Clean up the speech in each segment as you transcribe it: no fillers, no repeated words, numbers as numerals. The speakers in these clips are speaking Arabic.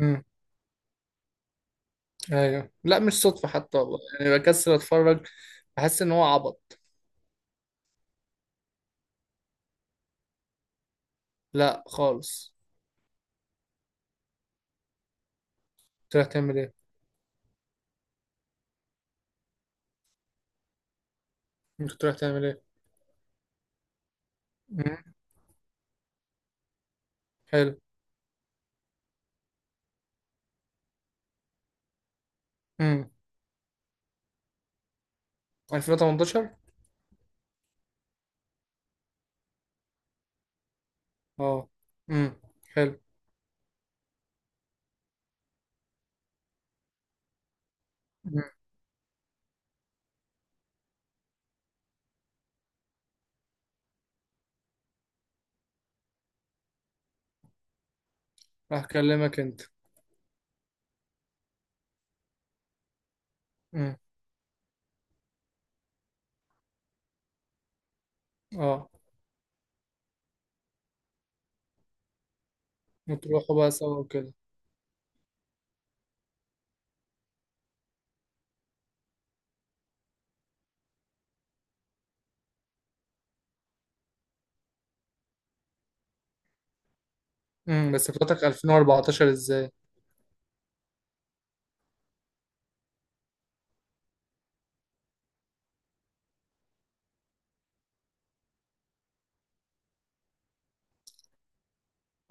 امم ايوه، لا مش صدفة حتى والله، يعني بكسل اتفرج. بحس ان هو عبط. لا خالص. كنت رايح تعمل ايه انت كنت رايح تعمل ايه؟ امم حلو. امم 2018. اه. امم حلو. امم هكلمك انت. امم اه، وتروحوا بقى سوا وكده. بس فاتك 2014 ازاي؟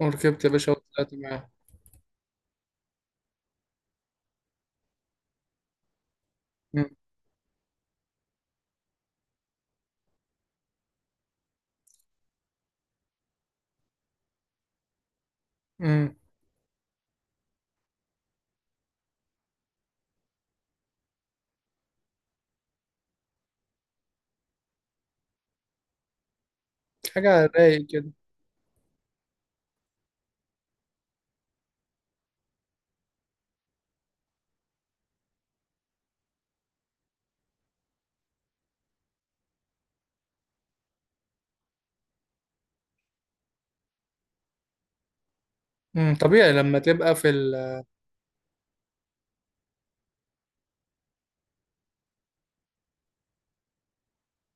وركبت يا باشا وطلعت معاه. امم امم حاجة رايق كده. طبيعي لما تبقى في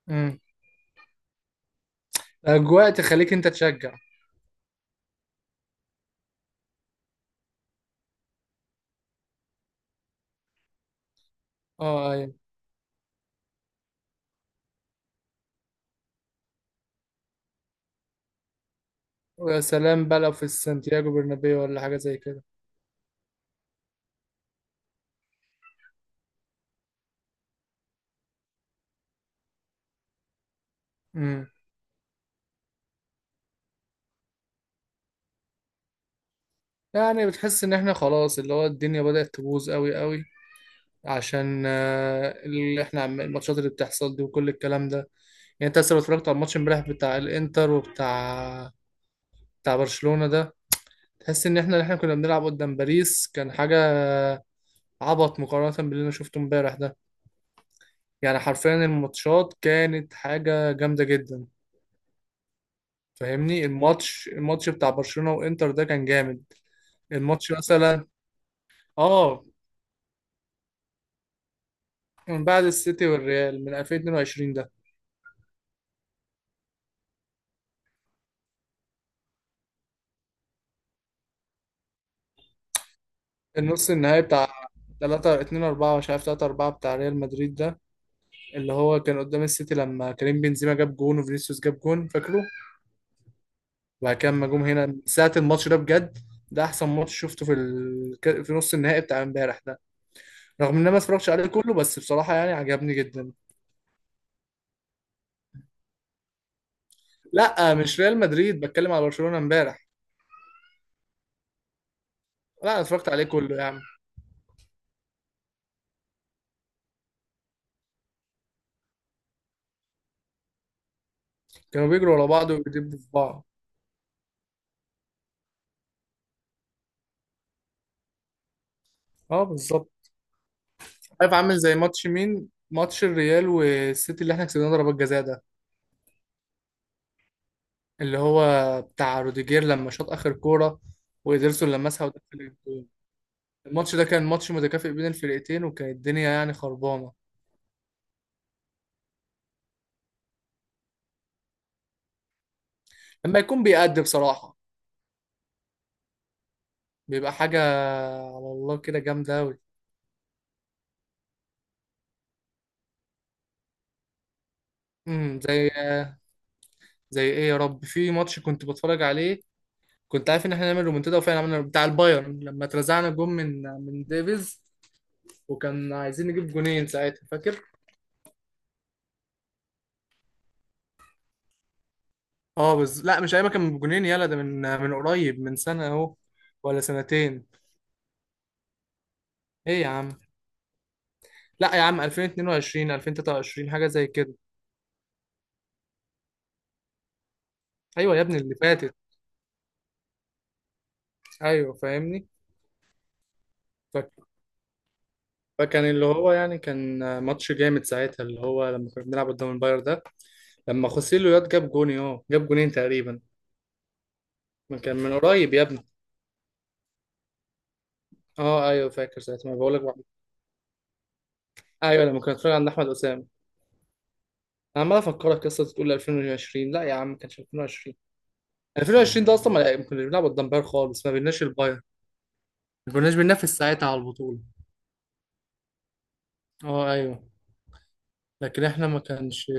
امم الاجواء تخليك انت تشجع. اه، ايوه. ويا سلام بقى لو في سانتياغو برنابيو ولا حاجة زي كده. امم يعني بتحس ان احنا خلاص، اللي هو الدنيا بدأت تبوظ قوي قوي، عشان اللي احنا الماتشات اللي بتحصل دي وكل الكلام ده. يعني انت لسه اتفرجت على الماتش امبارح بتاع الانتر، وبتاع برشلونة ده. تحس ان احنا اللي احنا كنا بنلعب قدام باريس كان حاجة عبط مقارنة باللي انا شفته امبارح ده. يعني حرفيا الماتشات كانت حاجة جامدة جدا. فاهمني؟ الماتش بتاع برشلونة وانتر ده كان جامد. الماتش مثلا. اه. من بعد السيتي والريال من 2022 ده. النص النهائي بتاع 3 2 4، مش عارف، 3 4 بتاع ريال مدريد ده، اللي هو كان قدام السيتي لما كريم بنزيما جاب جون، وفينيسيوس جاب جون، فاكره؟ وبعد كده لما جم هنا من ساعة الماتش ده بجد، ده احسن ماتش شفته في ال... في نص النهائي بتاع امبارح ده، رغم ان انا ما اتفرجتش عليه كله، بس بصراحة يعني عجبني جدا. لا مش ريال مدريد، بتكلم على برشلونة امبارح. لا أنا اتفرجت عليه كله يعني. كانوا بيجروا ورا بعض وبيدبوا في بعض. اه، بالظبط. عارف عامل زي ماتش مين؟ ماتش الريال والسيتي اللي احنا كسبناه ضربات جزاء ده، اللي هو بتاع روديجير لما شاط اخر كوره وإيدرسون لمسها ودخل الجول. الماتش ده كان ماتش متكافئ بين الفرقتين، وكانت الدنيا يعني خربانه. لما يكون بيأدي بصراحه بيبقى حاجه على الله كده جامده قوي. زي ايه يا رب؟ في ماتش كنت بتفرج عليه كنت عارف ان احنا هنعمل رومنتادا وفعلا عملنا، بتاع البايرن لما اترزعنا جون من ديفيز، وكان عايزين نجيب جونين ساعتها، فاكر؟ اه، بس لا مش ايما كان بجنين، يلا ده من قريب، من سنة اهو ولا سنتين. ايه يا عم؟ لا يا عم 2022 2023 حاجة زي كده. ايوه يا ابني اللي فاتت. ايوه فاهمني. ف- فكان اللي هو يعني كان ماتش جامد ساعتها، اللي هو لما كنا بنلعب قدام الباير ده، لما خوسيلو ياد جاب جون، اه جاب جونين تقريبا. ما كان من قريب يا ابني. اه، ايوه فاكر ساعتها، ما بقول لك. ايوه لما كنا بنتفرج عند احمد اسامه. انا عمال افكرك قصه تقول 2020، لا يا عم ما كانش 2020. 2020 ده اصلا ما كناش بنلعب قدام باير خالص، ما بيناش الباير. ما كناش بننافس ساعتها على البطوله. اه، ايوه. لكن احنا ما كانش.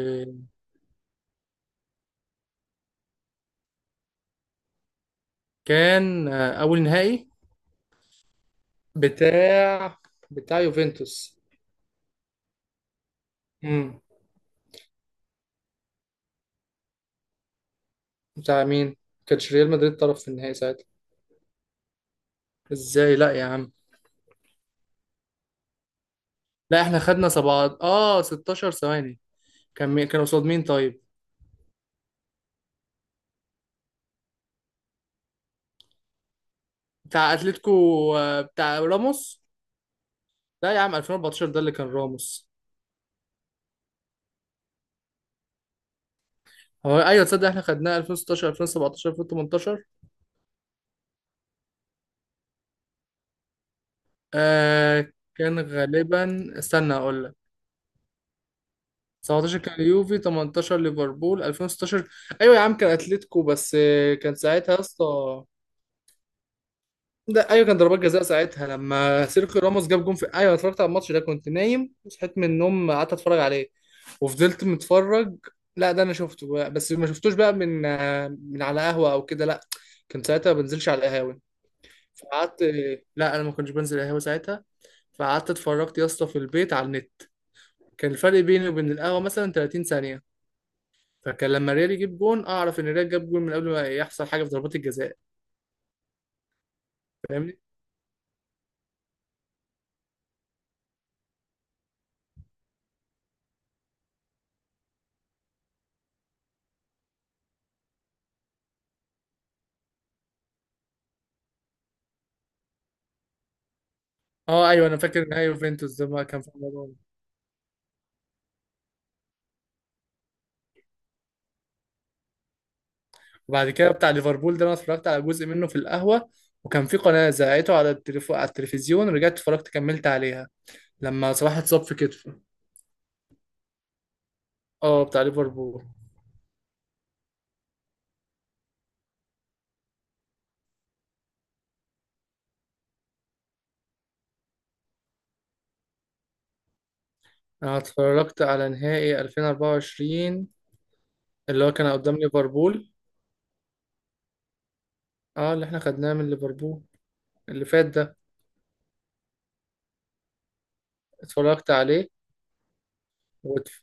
كان اول نهائي بتاع يوفنتوس. امم بتاع مين؟ ما كانش ريال مدريد طرف في النهائي ساعتها. ازاي؟ لا يا عم. لا احنا خدنا سبعة، 16 ثواني. كان مي... كان قصاد مين طيب؟ بتاع اتلتيكو. بتاع راموس. لا يا عم 2014 ده اللي كان راموس. هو ايوه، تصدق احنا خدناه 2016 2017 2018؟ آه كان غالبا، استنى اقول لك. 17 كان اليوفي 18 ليفربول 2016. ايوه يا عم كان اتلتيكو، بس كان ساعتها يا اسطى. ده ايوه كان ضربات جزاء ساعتها، لما سيرخيو راموس جاب جون في، ايوه، أنا اتفرجت على الماتش ده، كنت نايم وصحيت من النوم، قعدت اتفرج عليه وفضلت متفرج. لا ده انا شفته بقى. بس ما شفتوش بقى من من على قهوه او كده، لا، كنت ساعتها ما بنزلش على القهاوي. فقعدت. لا انا ما كنتش بنزل قهاوي ساعتها. فقعدت اتفرجت يا اسطى في البيت على النت. كان الفرق بيني وبين القهوة مثلا 30 ثانية. فكان لما الريال يجيب جون، أعرف إن الريال جاب جون من قبل ما يحصل حاجة في ضربات الجزاء. فاهمني؟ أه، أيوه أنا فاكر نهائي يوفنتوس ده، ما كان في الموضوع ده. وبعد كده بتاع ليفربول ده أنا اتفرجت على جزء منه في القهوة، وكان في قناة زرعته على التليف... على التلفزيون، رجعت اتفرجت كملت عليها لما صلاح اتصاب في كتفه. أه، بتاع ليفربول. أنا اتفرجت على نهائي 2024 اللي هو كان قدام ليفربول، أه اللي إحنا خدناه من ليفربول اللي فات ده، اتفرجت عليه. واتف...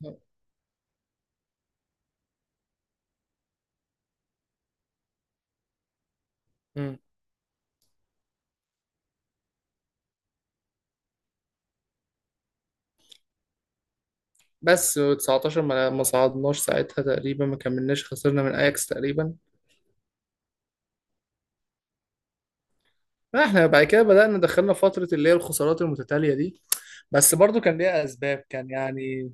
بس و19 ما صعدناش ساعتها تقريبا، ما كملناش، خسرنا من اياكس تقريبا. احنا بعد كده بدأنا دخلنا فترة اللي هي الخسارات المتتالية دي. بس برضو كان ليها اسباب، كان يعني.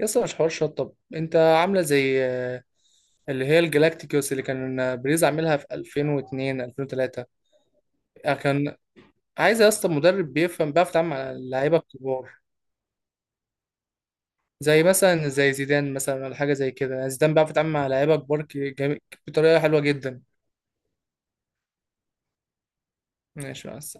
يسطا مش حوار شطب، انت عاملة زي اللي هي الجلاكتيكوس اللي كان بريز عاملها في 2002 2003. كان عايز يا اسطى مدرب بيفهم، بيعرف يتعامل مع اللعيبه الكبار. زي مثلا زي زيدان مثلا ولا حاجه زي كده يعني. زيدان بيعرف يتعامل مع لعيبه كبار بطريقه حلوه جدا. ماشي بس.